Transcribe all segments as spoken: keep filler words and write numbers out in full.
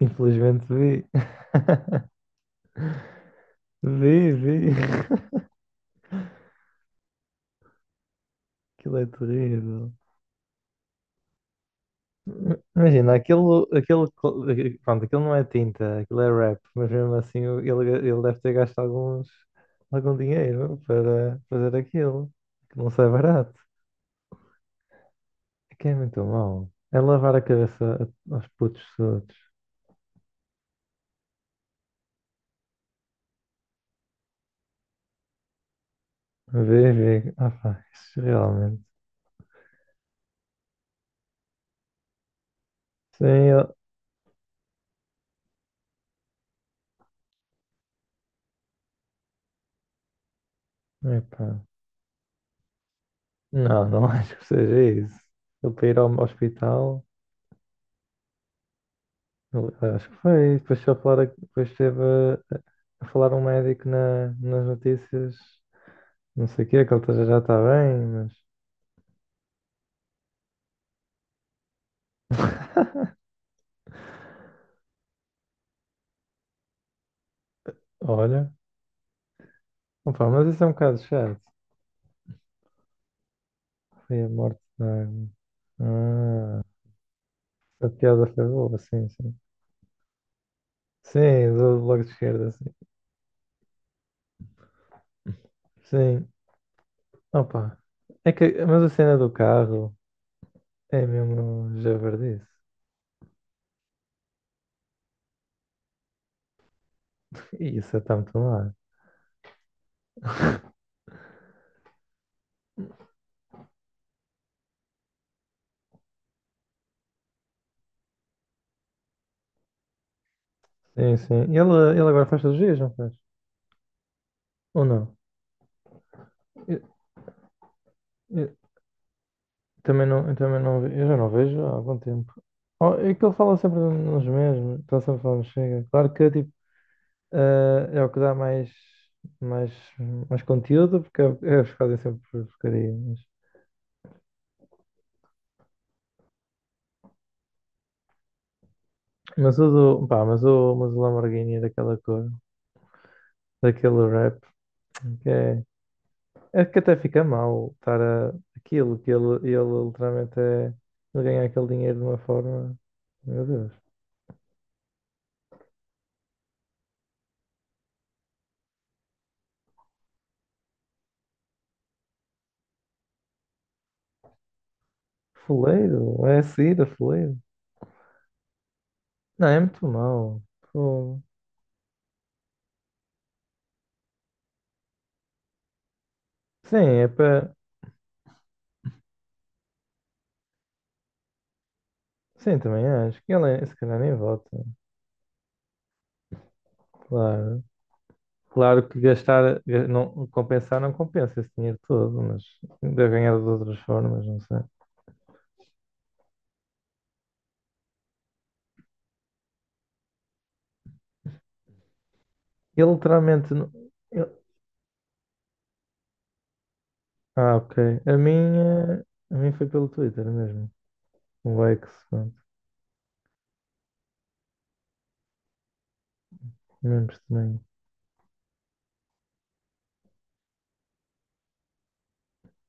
Infelizmente vi. Vi, vi. Aquilo é terrível. Imagina, aquilo, aquilo, pronto, aquilo não é tinta, aquilo é rap, mas mesmo assim ele, ele deve ter gasto alguns, algum dinheiro para fazer aquilo, que não sai barato. É Que é muito mau. É lavar a cabeça a- aos putos todos. Vê, vê. Ah, pá, isso realmente. Sim, eu... Epá. Não, não acho que seja isso. Ele para ir ao hospital. Eu- acho que foi. Depois, foi a falar, depois esteve a, a falar um médico na, nas notícias, não sei o quê, que ele tá- já está bem, mas. Olha, opa, mas isso é um bocado chato. Foi a morte da. Ah, a piada foi boa, sim, sim. Sim, do bloco de esquerda, sim. Sim, opa. É que, mas a cena do carro é mesmo javardice. E isso é tá muito mal. Sim, sim. E Ele, ele agora faz cirurgias, não faz? Ou não? Também não, eu também não, ve- eu já não vejo há algum tempo. Oh, é que ele fala sempre nos mesmos, está sempre falando chega. Claro que tipo, eh, é o que dá mais, mais, mais conteúdo, porque é, é os que fazem sempre porcaria. Mas, mas o do, pá, mas o, mas o Lamborghini é daquela cor, daquele rap, que é, é que até fica mal estar a, aquilo que ele, ele literalmente é, ele ganha aquele dinheiro de uma forma, meu Deus, fuleiro, é a saída, fuleiro. Não, é muito mau. Fogo. Sim, é para. Sim, também acho que ele, é, se calhar, nem volta. Claro. Claro que gastar, ga- não, compensar não compensa esse dinheiro todo, mas deve ganhar de outras formas, não sei. Ele literalmente. Não- ele- Ah, ok. A minha. A minha foi pelo Twitter mesmo. O X, pronto. Mesmo estranho.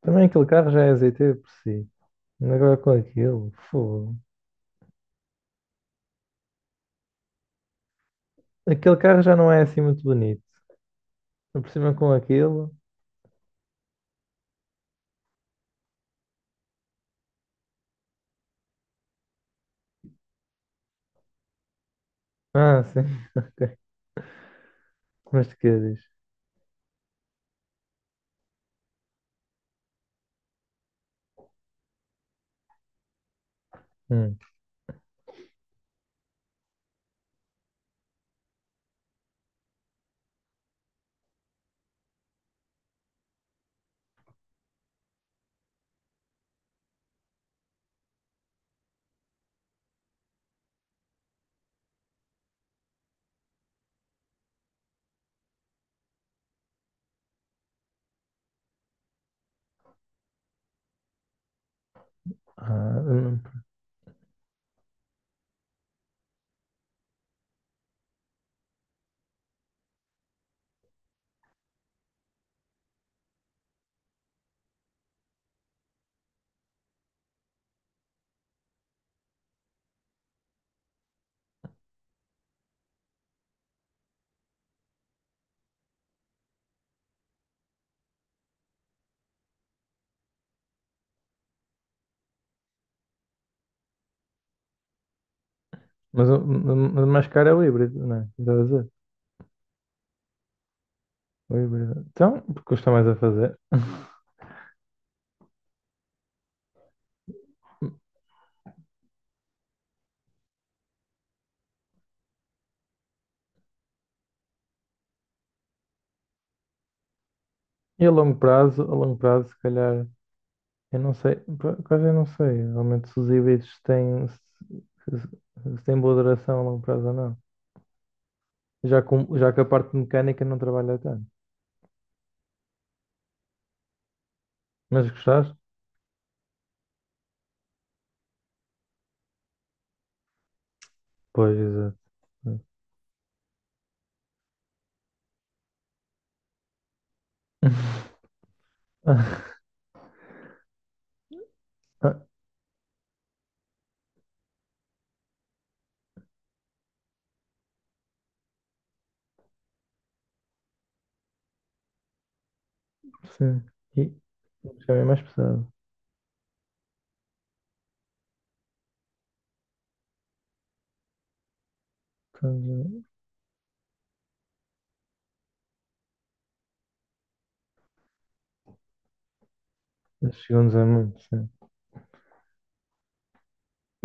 Também aquele carro já é azeiteiro por si. Agora com aquilo, fogo. Aquele carro já não é assim muito bonito. Por cima com aquilo. Ah, sim. Ok. Mas de que diz? Ah, hum, mas, o- mas mais caro é o híbrido, não é? Estás a dizer? O híbrido. Então, porque custa mais a fazer. E a longo prazo, a longo prazo, se calhar, eu não sei, por acaso eu não sei, realmente se os híbridos têm, se, se- se têm boa duração a longo prazo ou não. Já, com, já que a parte mecânica não trabalha tanto. Mas gostaste? Pois, exato. Ah, ah, sim. E já é mais pesado. Então, já- já chegou-nos a muito, sim.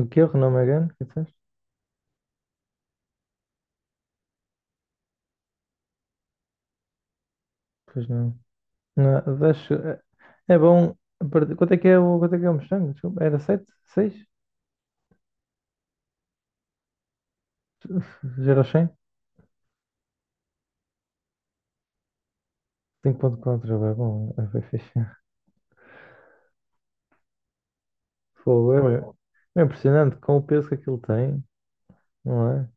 O que é o Renault Megane? Que disseste? Pois não. Não, deixa- é é bom. Perder- quanto é que é o, quanto é que é o Mustang? Desculpa, era sete? seis? zero a cem? cinco vírgula quatro, é bom, é bem fixe. Fogo, é, bem- é impressionante com o peso que aquilo tem, não é?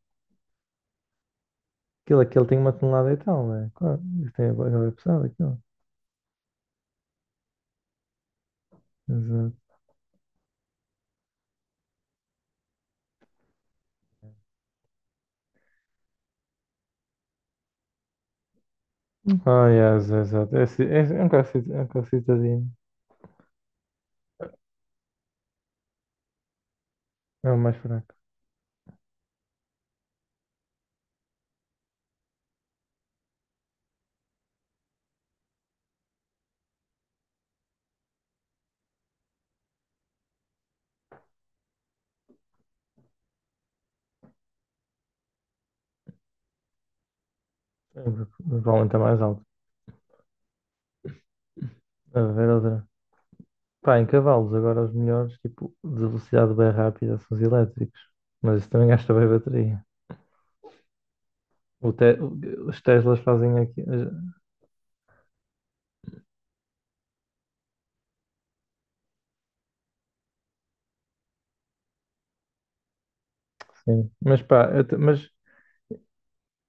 Aquilo, aquilo tem uma tonelada e tal, não é? Claro, isso tem é bem pesado aquilo. Exato. Ah, yes, exato. É, ci- é, é um carro cit- é um carro citadino. É o mais fraco. É, o que provavelmente é mais alto. A ver outra. Pá, em cavalos, agora os melhores, tipo, de velocidade bem rápida são os elétricos. Mas isso também gasta bem bateria. O te- os Teslas fazem aqui, sim. Mas pá, eu, te- mas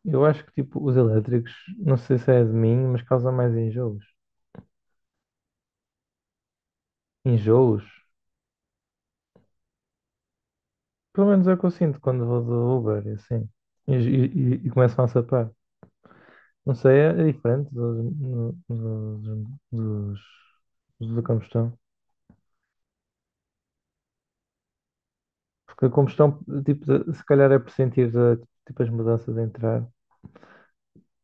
eu acho que tipo, os elétricos, não sei se é de mim, mas causa mais enjoos. Enjoos? Pelo menos é o que eu sinto quando vou do Uber, e assim. E, e, e- e começam a sapar. Não sei, é, é diferente dos, no- no- dos, dos, dos da combustão. Porque a combustão, tipo, de- se calhar é por sentir eh, tipo, as mudanças a entrar.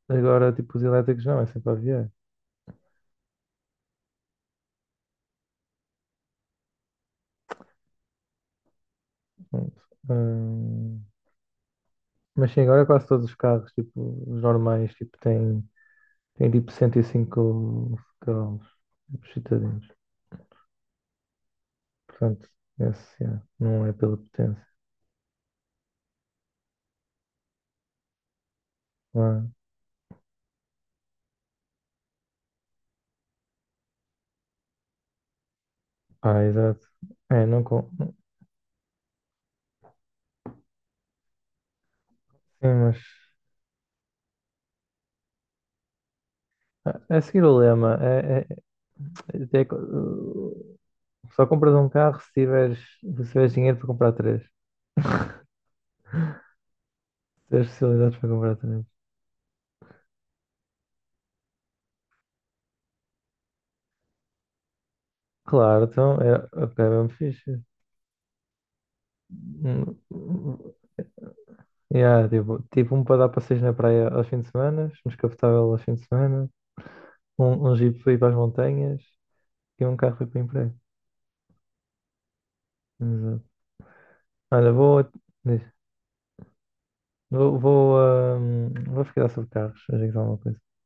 Agora, tipo, os elétricos não, é sempre a aviar. Hum, hum, mas sim, agora quase todos os carros, tipo, os normais, tipo, têm, têm tipo cento e cinco cavalos, tipo, citadinos. Portanto, esse, yeah, não é pela potência. Ah, ah, exato. É, não com... Sim, mas... ah, é seguir o lema. É, é- é- é- é- Só compras um carro se tiveres, se tiveres dinheiro para comprar três. Ter especialidades para comprar talentos. Claro, então é, ok, é mesmo fixe. Hum, hum, Yeah, tipo, tipo um para dar passeios na praia aos fins de semana, um descapotável aos fins de semana, um, um jeep para ir para as montanhas e um carro para ir para o emprego. Exato. Olha, vou, diz, vou, vou, ah, hum, vou ficar sobre carros, a dizer alguma coisa.